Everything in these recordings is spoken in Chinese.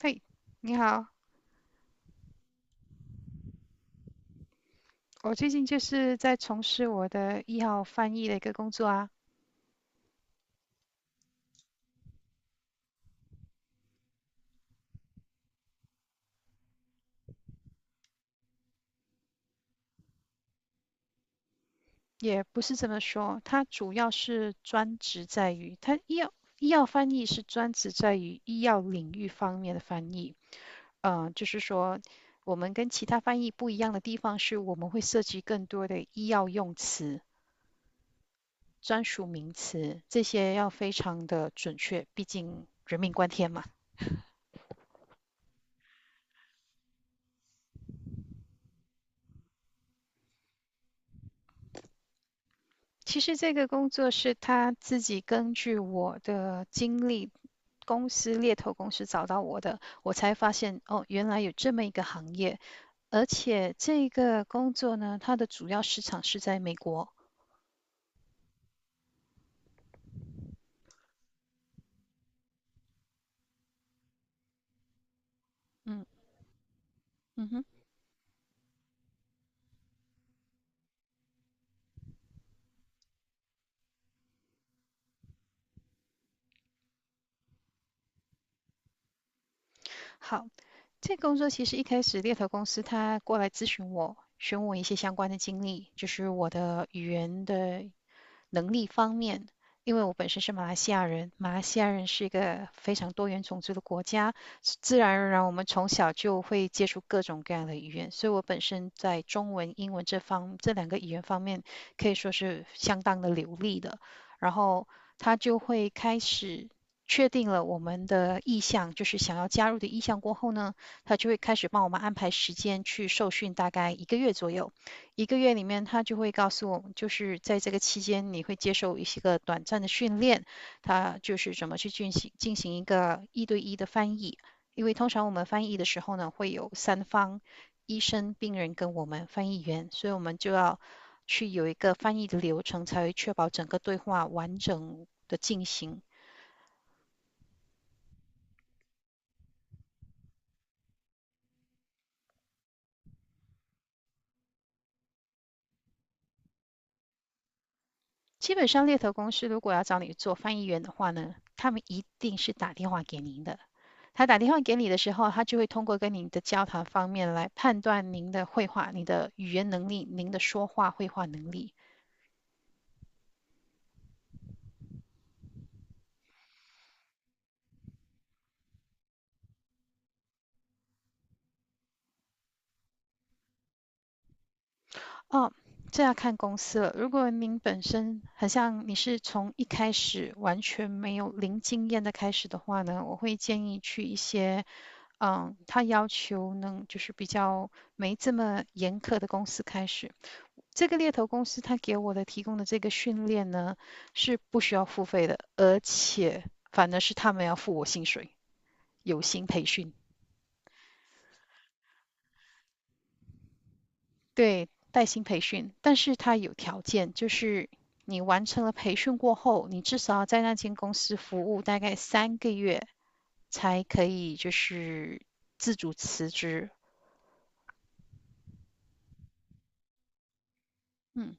嘿，你好。我最近就是在从事我的医药翻译的一个工作啊。也不是这么说，它主要是专职在于它医药医药翻译是专职在于医药领域方面的翻译。就是说我们跟其他翻译不一样的地方是我们会涉及更多的医药用词、专属名词，这些要非常的准确，毕竟人命关天嘛。其实这个工作是他自己根据我的经历公司猎头公司找到我的，我才发现哦，原来有这么一个行业，而且这个工作呢，它的主要市场是在美国。嗯哼。好，这个工作其实一开始猎头公司他过来咨询我，询问我一些相关的经历，就是我的语言的能力方面。因为我本身是马来西亚人，马来西亚人是一个非常多元种族的国家，自然而然我们从小就会接触各种各样的语言，所以我本身在中文、英文这两个语言方面可以说是相当的流利的。然后他就会开始确定了我们的意向，就是想要加入的意向过后呢，他就会开始帮我们安排时间去受训，大概一个月左右。一个月里面，他就会告诉我们，就是在这个期间，你会接受一些个短暂的训练，他就是怎么去进行一个一对一的翻译。因为通常我们翻译的时候呢，会有三方，医生、病人跟我们翻译员，所以我们就要去有一个翻译的流程，才会确保整个对话完整的进行。基本上，猎头公司如果要找你做翻译员的话呢，他们一定是打电话给您的。他打电话给你的时候，他就会通过跟你的交谈方面来判断您的绘画、您的语言能力、您的说话绘画能力。哦，这要看公司了。如果您本身很像你是从一开始完全没有零经验的开始的话呢，我会建议去一些他要求能就是比较没这么严苛的公司开始。这个猎头公司他给我的提供的这个训练呢，是不需要付费的，而且反而是他们要付我薪水，有薪培训。对，带薪培训，但是它有条件，就是你完成了培训过后，你至少要在那间公司服务大概三个月，才可以就是自主辞职。嗯。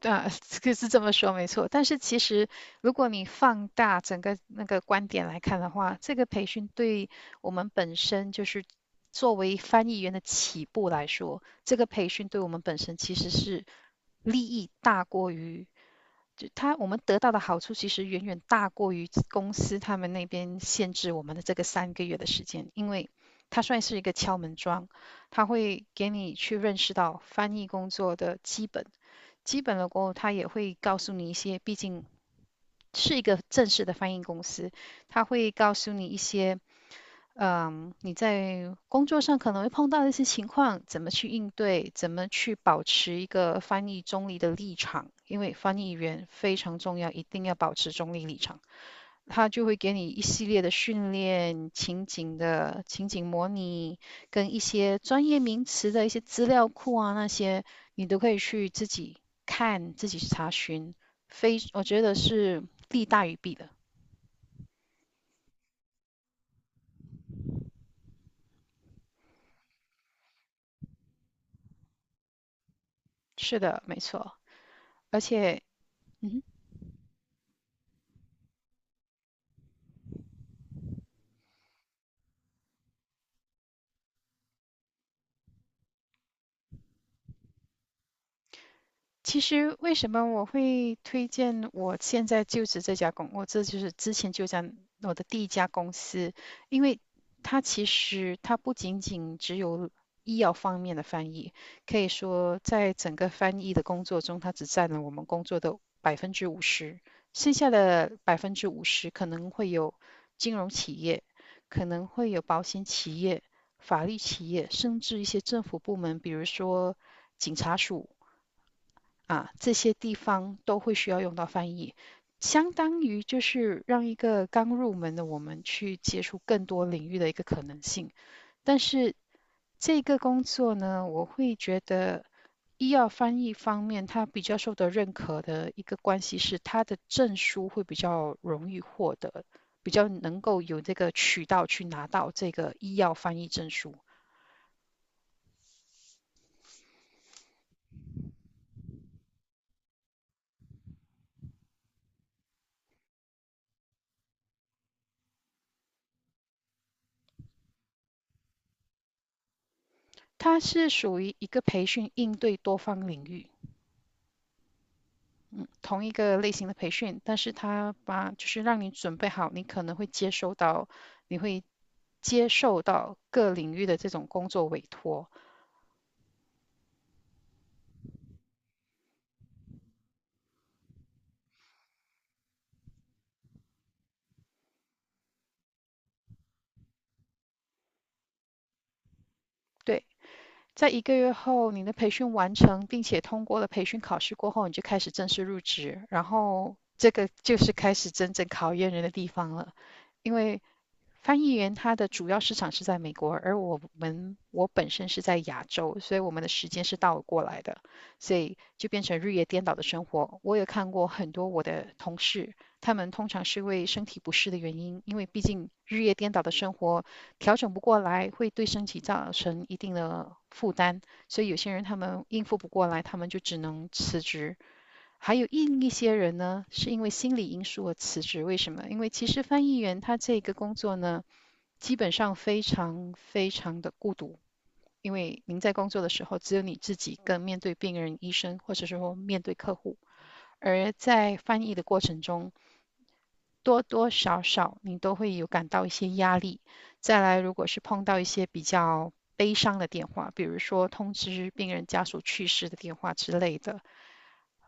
啊，可是这么说没错，但是其实如果你放大整个那个观点来看的话，这个培训对我们本身就是作为翻译员的起步来说，这个培训对我们本身其实是利益大过于，就他我们得到的好处其实远远大过于公司他们那边限制我们的这个三个月的时间，因为它算是一个敲门砖，它会给你去认识到翻译工作的基本。基本的过后，他也会告诉你一些，毕竟是一个正式的翻译公司，他会告诉你一些，你在工作上可能会碰到的一些情况，怎么去应对，怎么去保持一个翻译中立的立场，因为翻译员非常重要，一定要保持中立立场。它就会给你一系列的训练、情景的情景模拟，跟一些专业名词的一些资料库啊，那些你都可以去自己看、自己去查询。非，我觉得是利大于弊的。是的，没错。而且其实为什么我会推荐我现在就职这家公，我这就是之前就讲我的第一家公司。因为它其实它不仅仅只有医药方面的翻译，可以说在整个翻译的工作中，它只占了我们工作的百分之五十，剩下的百分之五十可能会有金融企业，可能会有保险企业、法律企业，甚至一些政府部门，比如说警察署。啊，这些地方都会需要用到翻译，相当于就是让一个刚入门的我们去接触更多领域的一个可能性。但是这个工作呢，我会觉得医药翻译方面，它比较受到认可的一个关系是，它的证书会比较容易获得，比较能够有这个渠道去拿到这个医药翻译证书。它是属于一个培训应对多方领域。同一个类型的培训，但是他把就是让你准备好，你可能会接收到，你会接受到各领域的这种工作委托。对，在一个月后，你的培训完成，并且通过了培训考试过后，你就开始正式入职，然后这个就是开始真正考验人的地方了。因为翻译员他的主要市场是在美国，而我们我本身是在亚洲，所以我们的时间是倒过来的，所以就变成日夜颠倒的生活。我也看过很多我的同事，他们通常是因为身体不适的原因，因为毕竟日夜颠倒的生活调整不过来，会对身体造成一定的负担，所以有些人他们应付不过来，他们就只能辞职。还有一些人呢，是因为心理因素而辞职。为什么？因为其实翻译员他这个工作呢。基本上非常非常的孤独，因为您在工作的时候只有你自己跟面对病人、医生，或者是说面对客户；而在翻译的过程中，多多少少你都会有感到一些压力。再来，如果是碰到一些比较悲伤的电话，比如说通知病人家属去世的电话之类的，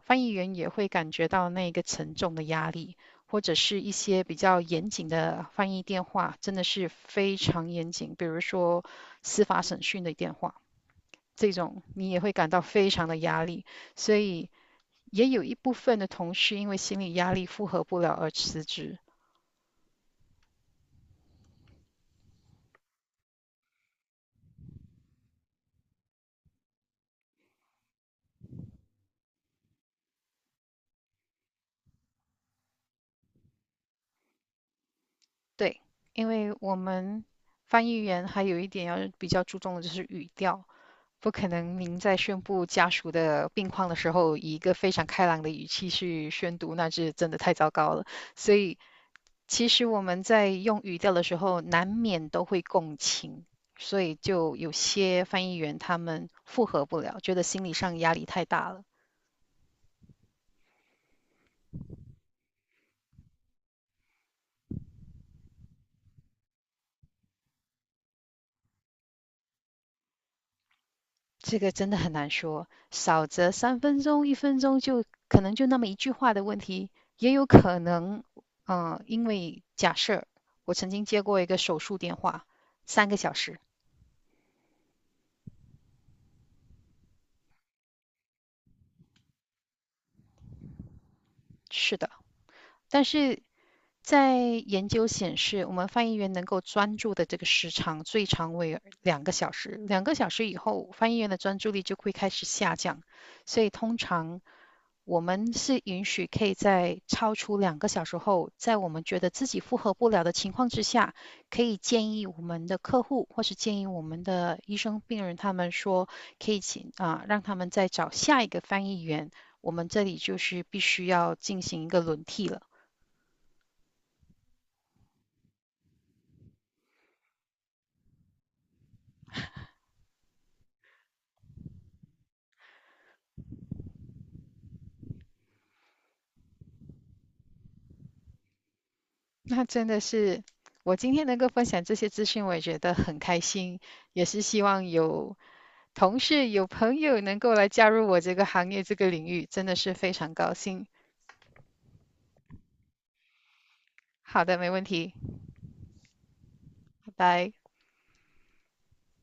翻译员也会感觉到那个沉重的压力，或者是一些比较严谨的翻译电话，真的是非常严谨，比如说司法审讯的电话，这种你也会感到非常的压力，所以也有一部分的同事因为心理压力负荷不了而辞职。对，因为我们翻译员还有一点要比较注重的就是语调。不可能，您在宣布家属的病况的时候，以一个非常开朗的语气去宣读，那是真的太糟糕了。所以，其实我们在用语调的时候，难免都会共情，所以就有些翻译员他们复合不了，觉得心理上压力太大了。这个真的很难说，少则3分钟、1分钟就可能就那么一句话的问题，也有可能，因为假设我曾经接过一个手术电话，3个小时。是的，但是在研究显示，我们翻译员能够专注的这个时长最长为两个小时，两个小时以后，翻译员的专注力就会开始下降，所以通常我们是允许可以在超出两个小时后，在我们觉得自己负荷不了的情况之下，可以建议我们的客户或是建议我们的医生、病人，他们说可以请让他们再找下一个翻译员。我们这里就是必须要进行一个轮替了。那真的是，我今天能够分享这些资讯，我也觉得很开心，也是希望有同事、有朋友能够来加入我这个行业、这个领域，真的是非常高兴。好的，没问题，拜拜。